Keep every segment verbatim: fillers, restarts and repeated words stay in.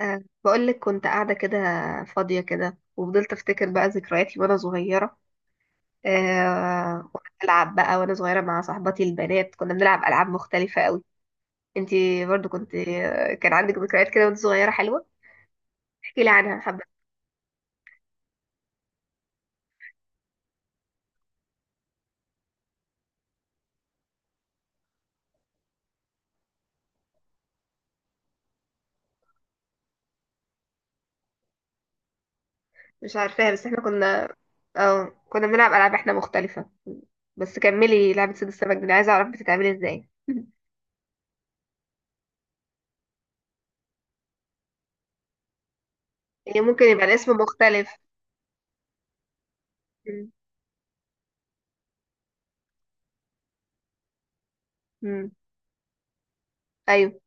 أه، بقول لك كنت قاعدة كده فاضية كده، وفضلت أفتكر بقى ذكرياتي وأنا صغيرة. أه، وأنا بلعب بقى وأنا صغيرة مع صاحباتي البنات كنا بنلعب ألعاب مختلفة قوي. انتي برضو كنت آه، كان عندك ذكريات كده وانت صغيرة حلوة؟ احكي لي عنها حبة. مش عارفاها بس احنا كنا. اه كنا بنلعب ألعاب احنا مختلفة، بس كملي لعبة صيد السمك دي، أنا عايزة أعرف بتتعمل ازاي. هي ممكن يبقى الاسم مختلف. مم. مم. أيوه.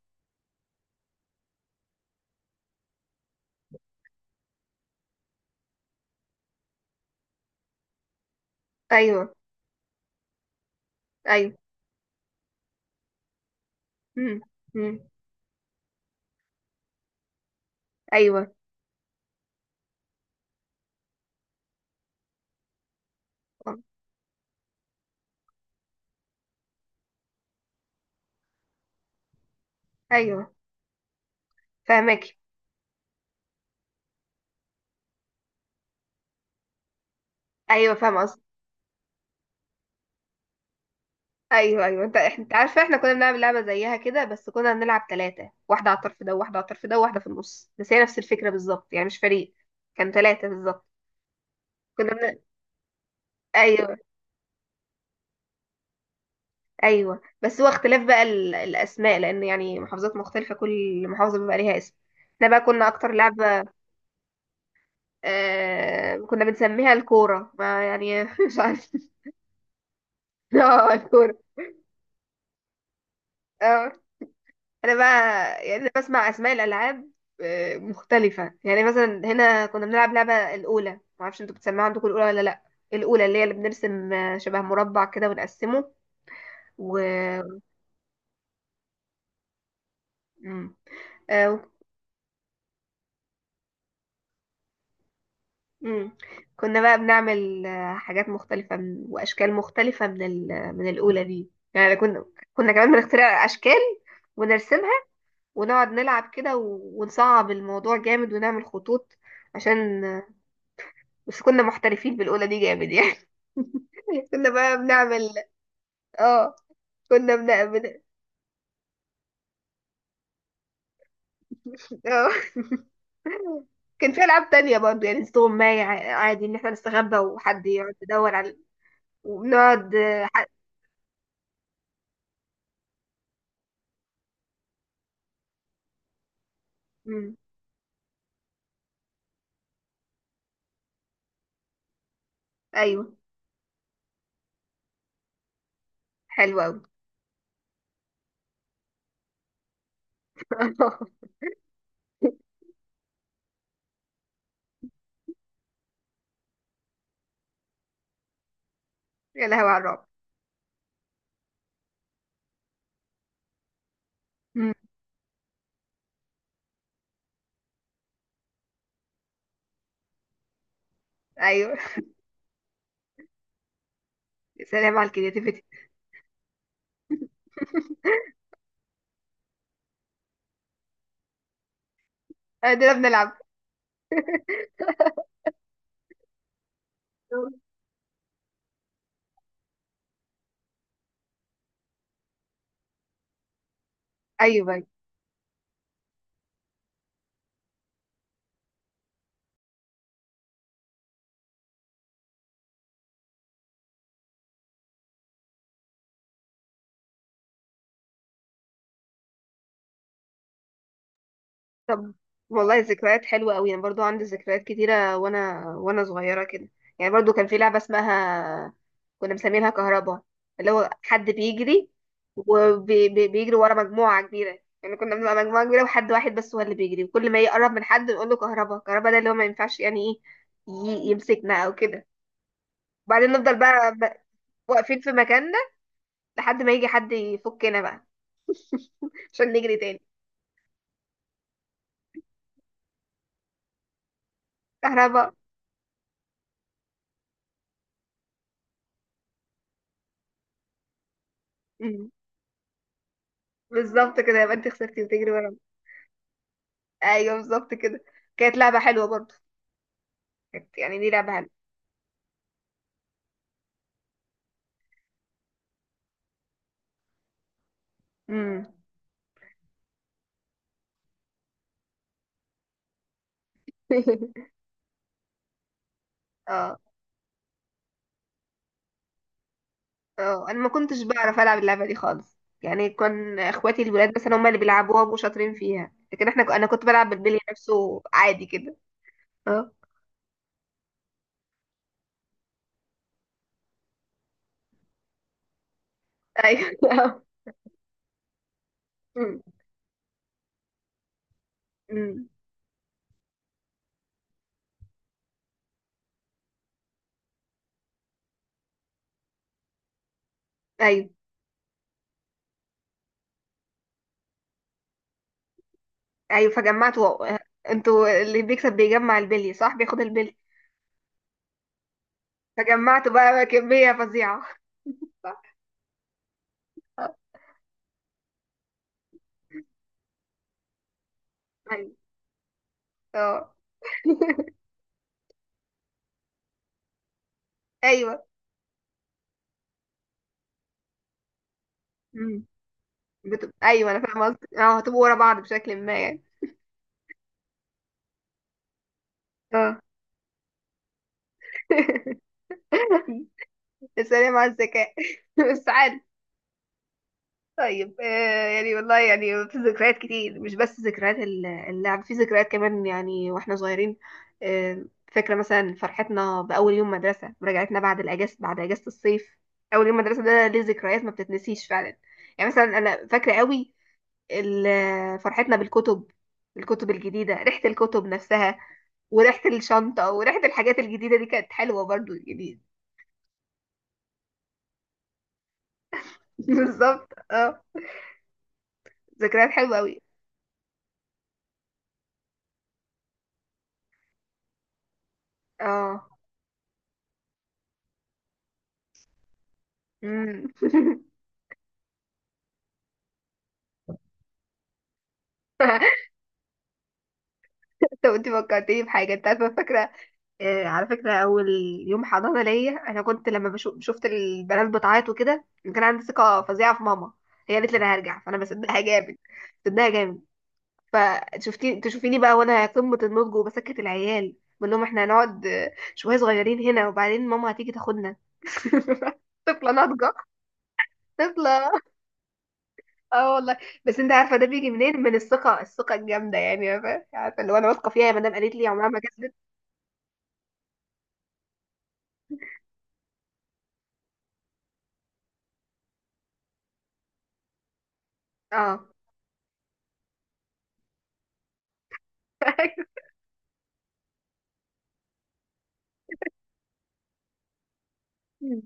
أيوه. أيوه. مم. مم. أيوه. أيوه. فاهمك. ايوه فاهم قصدي. ايوه ايوه انت، إحنا- انت عارفه احنا كنا بنلعب لعبه زيها كده، بس كنا بنلعب ثلاثه، واحده على الطرف ده وواحده على الطرف ده وواحده في النص، بس هي نفس الفكره بالظبط، يعني مش فريق. كان ثلاثه بالظبط. كنا بن... ايوه. ايوه بس هو اختلاف بقى ال... الاسماء، لان يعني محافظات مختلفه، كل محافظه بيبقى ليها اسم. احنا بقى كنا اكتر لعبه آه... كنا بنسميها الكوره، ما يعني مش عارف. اه الكوره. اه. انا بقى يعني انا بسمع اسماء الالعاب آه، مختلفه، يعني مثلا هنا كنا بنلعب لعبه الاولى، ما اعرفش انتوا بتسمعوا عندكم الاولى ولا لا. الاولى اللي هي اللي بنرسم آه، شبه مربع كده ونقسمه و مم. آه، و- مم. كنا بقى بنعمل آه، حاجات مختلفه من- واشكال مختلفه من ال... من الاولى دي، يعني كنا كنا كمان بنخترع اشكال ونرسمها ونقعد نلعب كده و... ونصعب الموضوع جامد ونعمل خطوط عشان، بس كنا محترفين بالأولى دي جامد يعني. كنا بقى بنعمل، اه كنا بنعمل. اه كان في ألعاب تانية برضه، يعني استغماية، ع- عادي إن احنا نستخبى وحد يقعد يدور على، وبنقعد آه، ح... مم. أيوه. حلو أوي. يا لهوي على الرعب. مم. أيوه. يا سلام على الكرياتيفيتي. قاعدين بنلعب. ايوه. طب والله ذكريات حلوة قوي. انا برضو عندي ذكريات كتيرة وانا وانا صغيرة كده، يعني برضو كان في لعبة اسمها كنا مسمينها كهربا، اللي هو حد بيجري وبيجري ورا مجموعة كبيرة، يعني كنا بنبقى مجموعة كبيرة وحد واحد بس هو اللي بيجري، وكل ما يقرب من حد نقول له كهربا، كهربا ده اللي هو ما ينفعش يعني ايه ي- يمسكنا او كده، وبعدين نفضل بقى بقى واقفين في مكاننا لحد ما يجي حد يفكنا بقى عشان نجري تاني. كهربا. أمم. بالظبط كده، يبقى انت خسرتي وتجري ورا. ايوه بالظبط كده. كانت لعبة حلوة برضه، كانت يعني دي لعبة حلوة. امم. اه اه، انا ما كنتش بعرف العب اللعبة دي خالص، يعني كان اخواتي الولاد مثلا هم اللي بيلعبوها وشاطرين فيها، لكن احنا ك- انا كنت بلعب بالبلي نفسه عادي كده. اه. ايوه. أمم. أمم. ايوه ايوه فجمعت و... انتوا اللي بيكسب بيجمع البلي، صح؟ بياخد البلي. فجمعت بقى كمية فظيعة. صح. آه. ايوه. اه. ايوه. بت... ايوه انا فاهمه قصدك، اه هتبقوا ورا بعض بشكل ما يعني. اه. السلام على الذكاء. بس عادي. طيب آه، يعني والله يعني في ذكريات كتير، مش بس ذكريات ال- اللعب، في ذكريات كمان يعني واحنا صغيرين. آه فاكره مثلا فرحتنا باول يوم مدرسه، رجعتنا بعد الاجازه، بعد اجازه الصيف. اول يوم مدرسه ده ليه ذكريات ما بتتنسيش فعلا، يعني مثلا انا فاكره قوي ال- فرحتنا بالكتب، الكتب الجديده، ريحه الكتب نفسها وريحة الشنطة وريحة الحاجات الجديدة دي، كانت حلوة برضو يعني. بالظبط اه. ذكريات حلوة أوي. اه. امم. طب انت فكرتيني بحاجة، انت عارفة، فاكرة، آه على فكرة، أول يوم حضانة ليا أنا كنت لما بشوف، شفت البنات بتعيط وكده، كان عندي ثقة فظيعة في ماما، هي قالت لي أنا هرجع، فأنا بصدقها جامد، بصدقها جامد. فشفتي، تشوفيني بقى وانا قمة النضج، وبسكت العيال بقول لهم احنا هنقعد آه، شوية صغيرين هنا وبعدين ماما هتيجي تاخدنا. طفلة ناضجة. طفلة. اه والله. بس انت عارفة ده بيجي منين؟ من الثقة، الثقة الجامدة، يعني عارفة، عارفة اللي هو انا واثقة فيها، يا مدام قالت لي عمرها ما كذبت. اه. مم.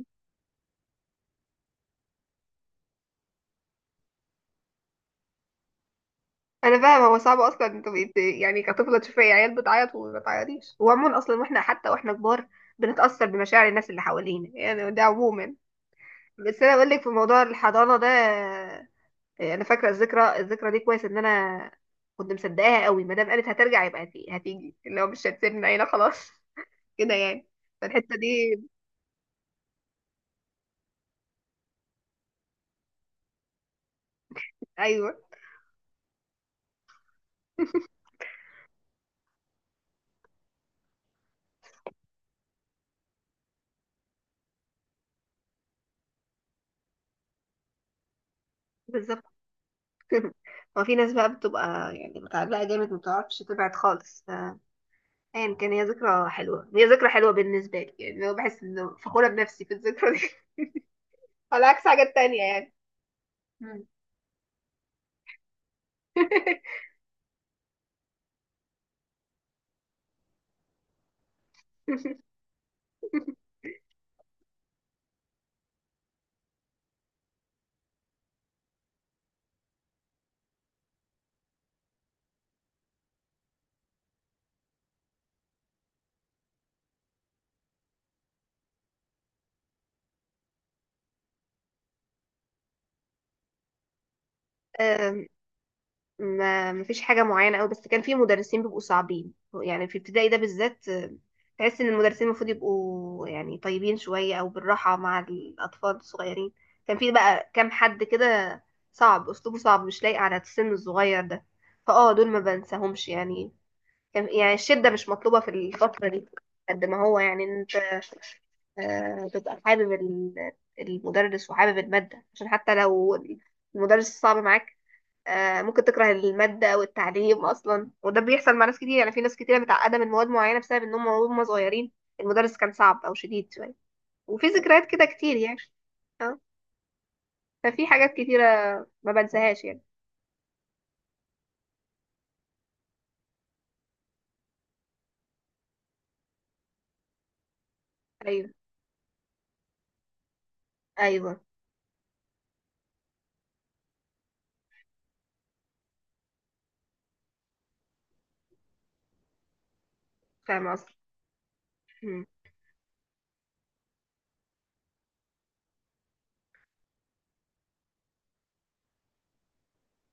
انا فاهمة، هو صعب اصلا انت بقيت يعني كطفلة تشوفي عيال بتعيط وما تعيطيش. وعموما اصلا واحنا، حتى واحنا كبار، بنتأثر بمشاعر الناس اللي حوالينا، يعني ده عموما. بس انا بقول لك في موضوع الحضانة ده، آه، انا فاكره الذكرى، الذكرى دي كويس، ان انا كنت مصدقاها قوي ما دام قالت هترجع يبقى هتيجي، هتيجي اللي هو مش هتسيبنا هنا خلاص. كده يعني. فالحته دي. ايوه بالظبط. هو في ناس بقى بتبقى يعني متعلقه جامد، ما بتعرفش تبعد خالص ف- ايا كان، هي ذكرى حلوه، هي ذكرى حلوه بالنسبه لي، يعني انا بحس ان فخوره بنفسي في الذكرى دي. على عكس حاجات تانية يعني. مم. أم، ما مفيش حاجة معينة قوي، بس كان في مدرسين بيبقوا صعبين، يعني في ابتدائي ده بالذات، آه، تحس ان المدرسين المفروض يبقوا يعني طيبين شوية، او بالراحة مع الاطفال الصغيرين. كان في بقى كام حد كده صعب، اسلوبه صعب مش لايق على السن الصغير ده، فاه دول ما بنساهمش يعني، كان يعني الشدة مش مطلوبة في الفترة دي. قد ما هو يعني إن انت آه، تبقى حابب ال- المدرس وحابب المادة، عشان حتى لو المدرس صعب معاك آه، ممكن تكره المادة والتعليم أصلا، وده بيحصل مع ناس كتير، يعني في ناس كتيرة متعقدة من مواد معينة بسبب إنهم وهم صغيرين المدرس كان صعب أو شديد شوية، وفي ذكريات كده كتير يعني. اه. ففي حاجات كتيرة ما بنساهاش يعني. أيوه. أيوه فاهمة قصدك. مم.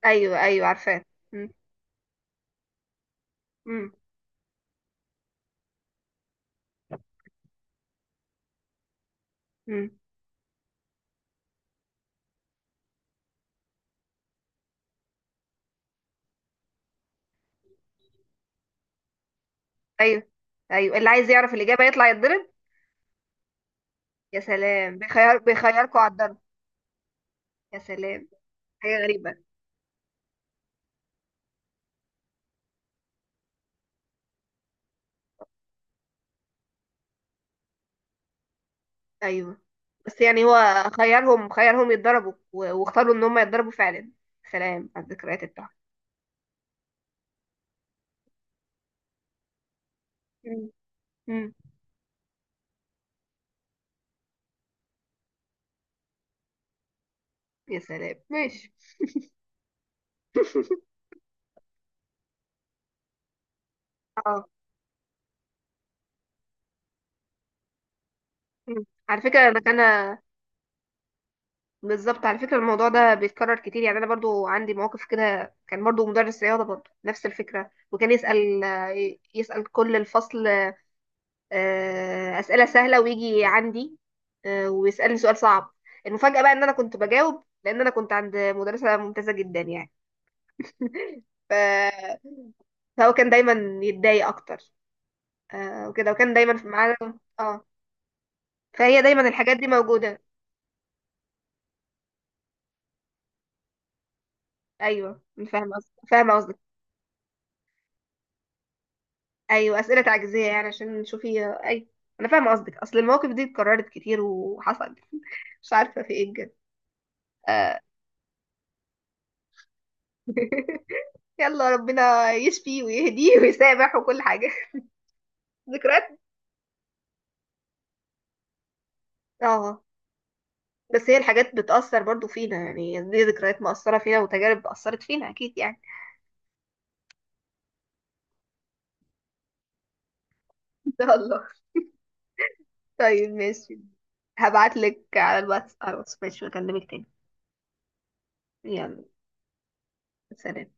أيوه. أيوه عارفاه. مم. مم. مم. أيوه. أيوه اللي عايز يعرف الإجابة يطلع يتضرب. يا سلام، بيخير بيخيركوا على الضرب، يا سلام. حاجة غريبة. ايوه بس يعني هو خيرهم، خيرهم يتضربوا و- واختاروا ان هم يتضربوا فعلا. سلام على الذكريات بتاعتهم. مم. مم. يا سلام ماشي. اه. مم. على فكره انا كان. بالظبط، على فكره الموضوع ده بيتكرر كتير، يعني انا برضو عندي مواقف كده، كان برضو مدرس رياضه، برضو نفس الفكره، وكان يسال، يسال كل الفصل آه، اسئله سهله، ويجي عندي آه، ويسالني سؤال صعب. المفاجاه بقى ان انا كنت بجاوب، لان انا كنت عند مدرسه ممتازه جدا يعني. ف... فهو كان دايما يتضايق اكتر آه وكده، وكان دايما في معانا. اه. فهي دايما الحاجات دي موجودة. ايوه أنا فاهمة قصدك، فاهمة قصدك. ايوه اسئلة تعجيزية، يعني عشان نشوفي آه، اي. انا فاهمة قصدك، اصل المواقف دي اتكررت كتير وحصل مش عارفة في ايه بجد. آه. يلا ربنا يشفي ويهديه ويسامح وكل حاجة. ذكريات. اه بس هي الحاجات بتأثر برضو فينا، يعني دي ذكريات مؤثرة فينا وتجارب أثرت فينا أكيد يعني. إن شاء الله. طيب ماشي، هبعتلك على الواتس، على الواتس ماشي، بكلمك تاني. يلا. سلام.